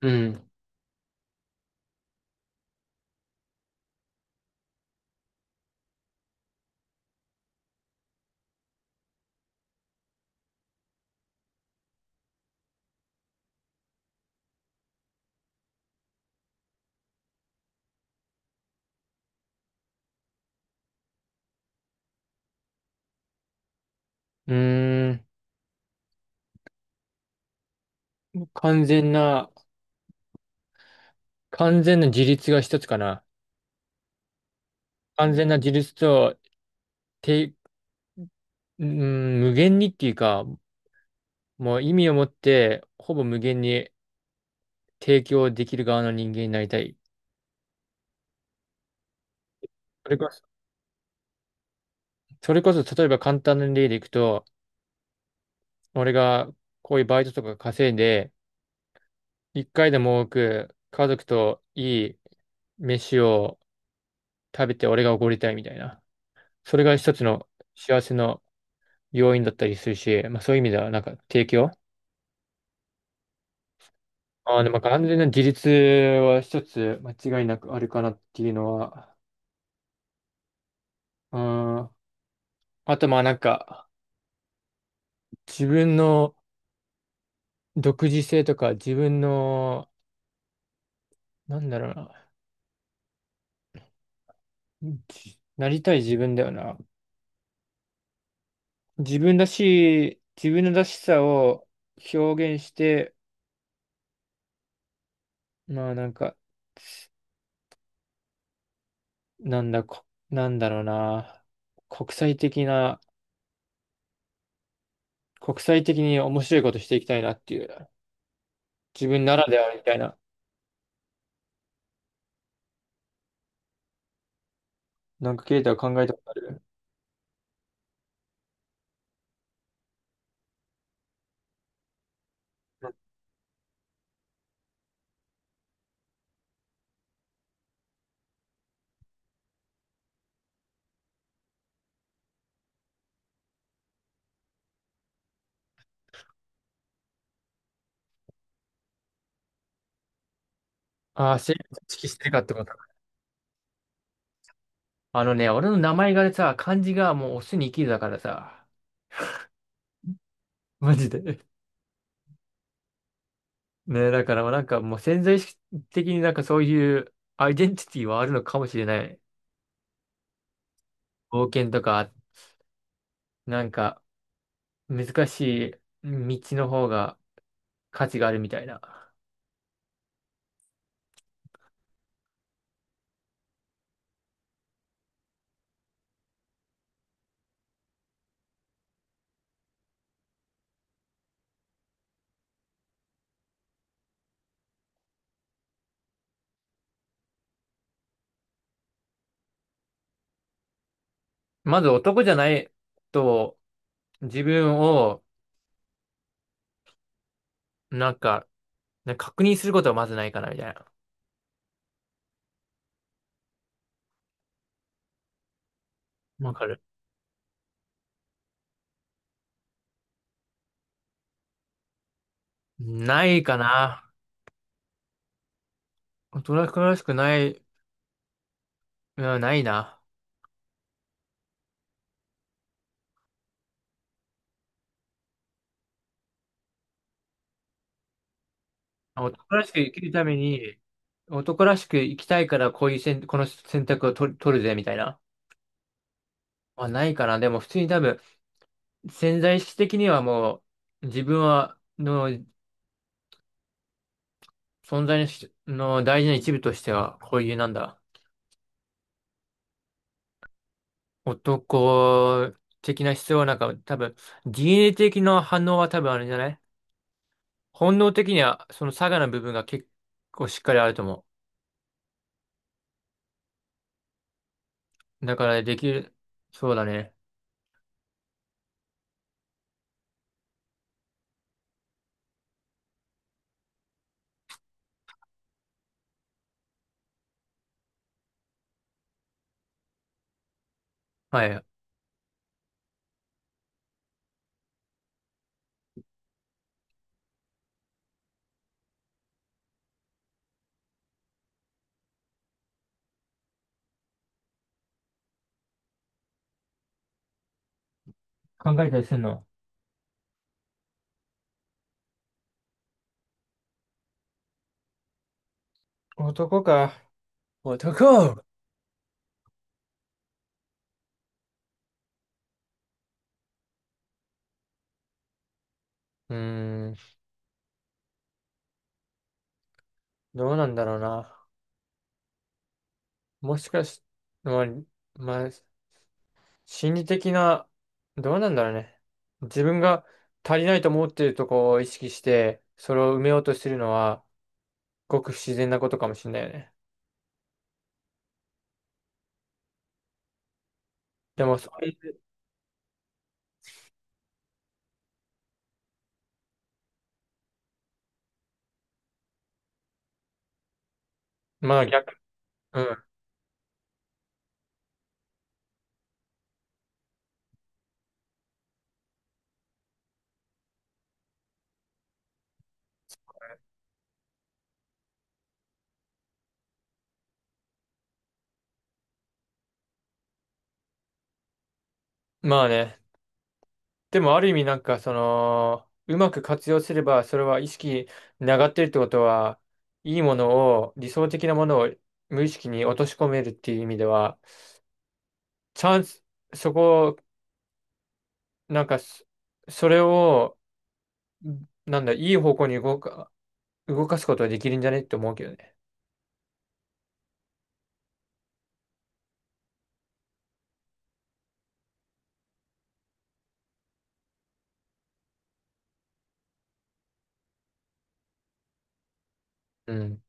うん。うーん。完全な、完全な自立が一つかな。完全な自立と、て、うん、無限にっていうか、もう意味を持って、ほぼ無限に提供できる側の人間になりたい。それこそ、それこそ例えば簡単な例でいくと、俺がこういうバイトとか稼いで、一回でも多く家族といい飯を食べて俺がおごりたいみたいな。それが一つの幸せの要因だったりするし、まあそういう意味では提供ああ、でも完全な自立は一つ間違いなくあるかなっていうのは、うん。あとまあ自分の独自性とか、自分の、なんだろうな、じなりたい自分だよな。自分らしい、自分のらしさを表現して、まあなんか、なんだ、こ、なんだろうな、国際的な、国際的に面白いことしていきたいなっていう、自分ならではみたいな、なんかケイタは考えたことある？ああ、性別意識してるかってこと？あのね、俺の名前がさ、漢字がもうオスに生きるだからさ、マジで。ね、だからなんかもう潜在意識的になんかそういうアイデンティティはあるのかもしれない。冒険とか、なんか難しい道の方が価値があるみたいな。まず男じゃないと自分をなんか、なんか確認することはまずないかなみたいな。わかる。ないかな。男らしくない、うん、ないな。男らしく生きるために、男らしく生きたいからこういう選、この選択を取る、取るぜみたいな。はないかな。でも普通に多分、潜在意識的にはもう、自分は、の存在の大事な一部としては、こういうなんだ、男的な必要はなんか多分、DNA 的な反応は多分あるんじゃない？本能的には、その差がの部分が結構しっかりあると思う。だからできる、そうだね。はい。考えたりするの？男か。男。うーん、どうなんだろうな。もしかし、まあ、まあ、心理的な、どうなんだろうね。自分が足りないと思っているとこを意識して、それを埋めようとしてるのは、ごく不自然なことかもしれないよね。でも、そういう、まあ逆、うん。まあね。でも、ある意味なんか、その、うまく活用すれば、それは意識に上がってるってことは、いいものを、理想的なものを無意識に落とし込めるっていう意味では、チャンス、そこ、なんかそ、それを、なんだ、いい方向に動か、動かすことはできるんじゃねって思うけどね。うん。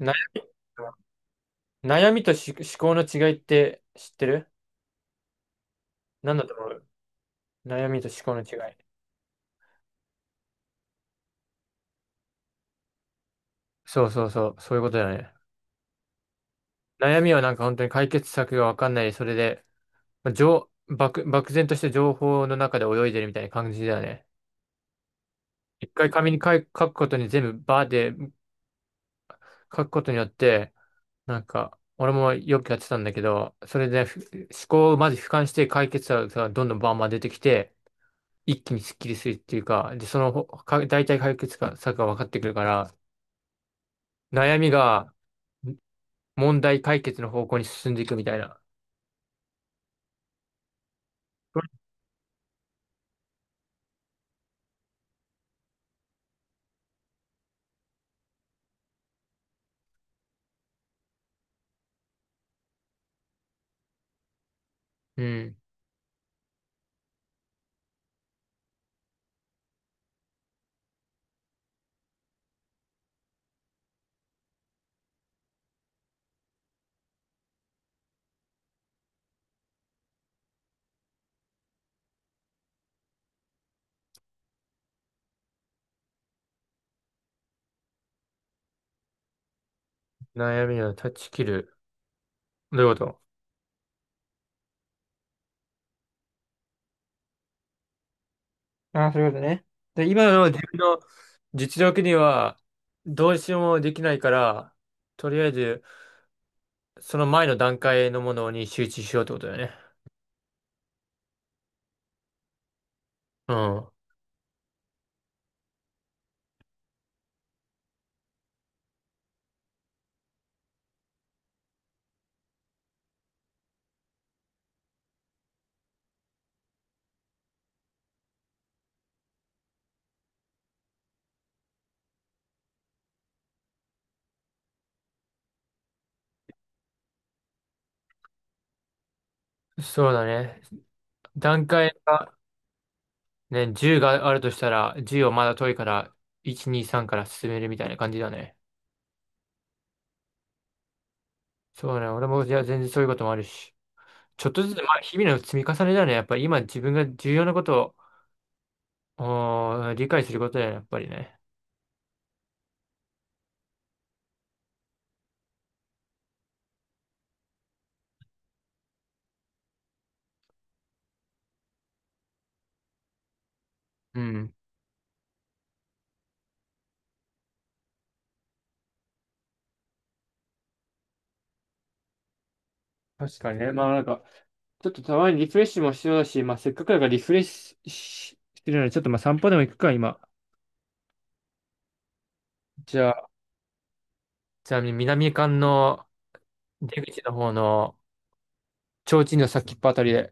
悩悩みとし思考の違いって知ってる？なんだと思う？悩みと思考の違い。そうそうそう、そういうことだね。悩みはなんか本当に解決策がわかんない、それで、まあ、漠然として情報の中で泳いでるみたいな感じだよね。一回紙に書い書くことに全部バーで書くことによって、なんか、俺もよくやってたんだけど、それで思考をまず俯瞰して解決策がどんどんバンバン出てきて、一気にスッキリするっていうか、で、そのほか大体解決策が分かってくるから、悩みが問題解決の方向に進んでいくみたいな。うん。悩みを断ち切る。どういうこと？ああ、そういうことね。で、今の自分の実力にはどうしようもできないから、とりあえずその前の段階のものに集中しようってことだよね。うん。そうだね。段階がね、10があるとしたら、10をまだ遠いから、1、2、3から進めるみたいな感じだね。そうね。俺も、じゃあ全然そういうこともあるし。ちょっとずつ、まあ、日々の積み重ねだね。やっぱり今自分が重要なことを、理解することだよね、やっぱりね。うん。確かにね。まあなんか、ちょっとたまにリフレッシュも必要だし、まあせっかくだからリフレッシュししてるので、ちょっとまあ散歩でも行くか、今。じゃあ、ちなみに南館の出口の方の、提灯の先っぽあたりで、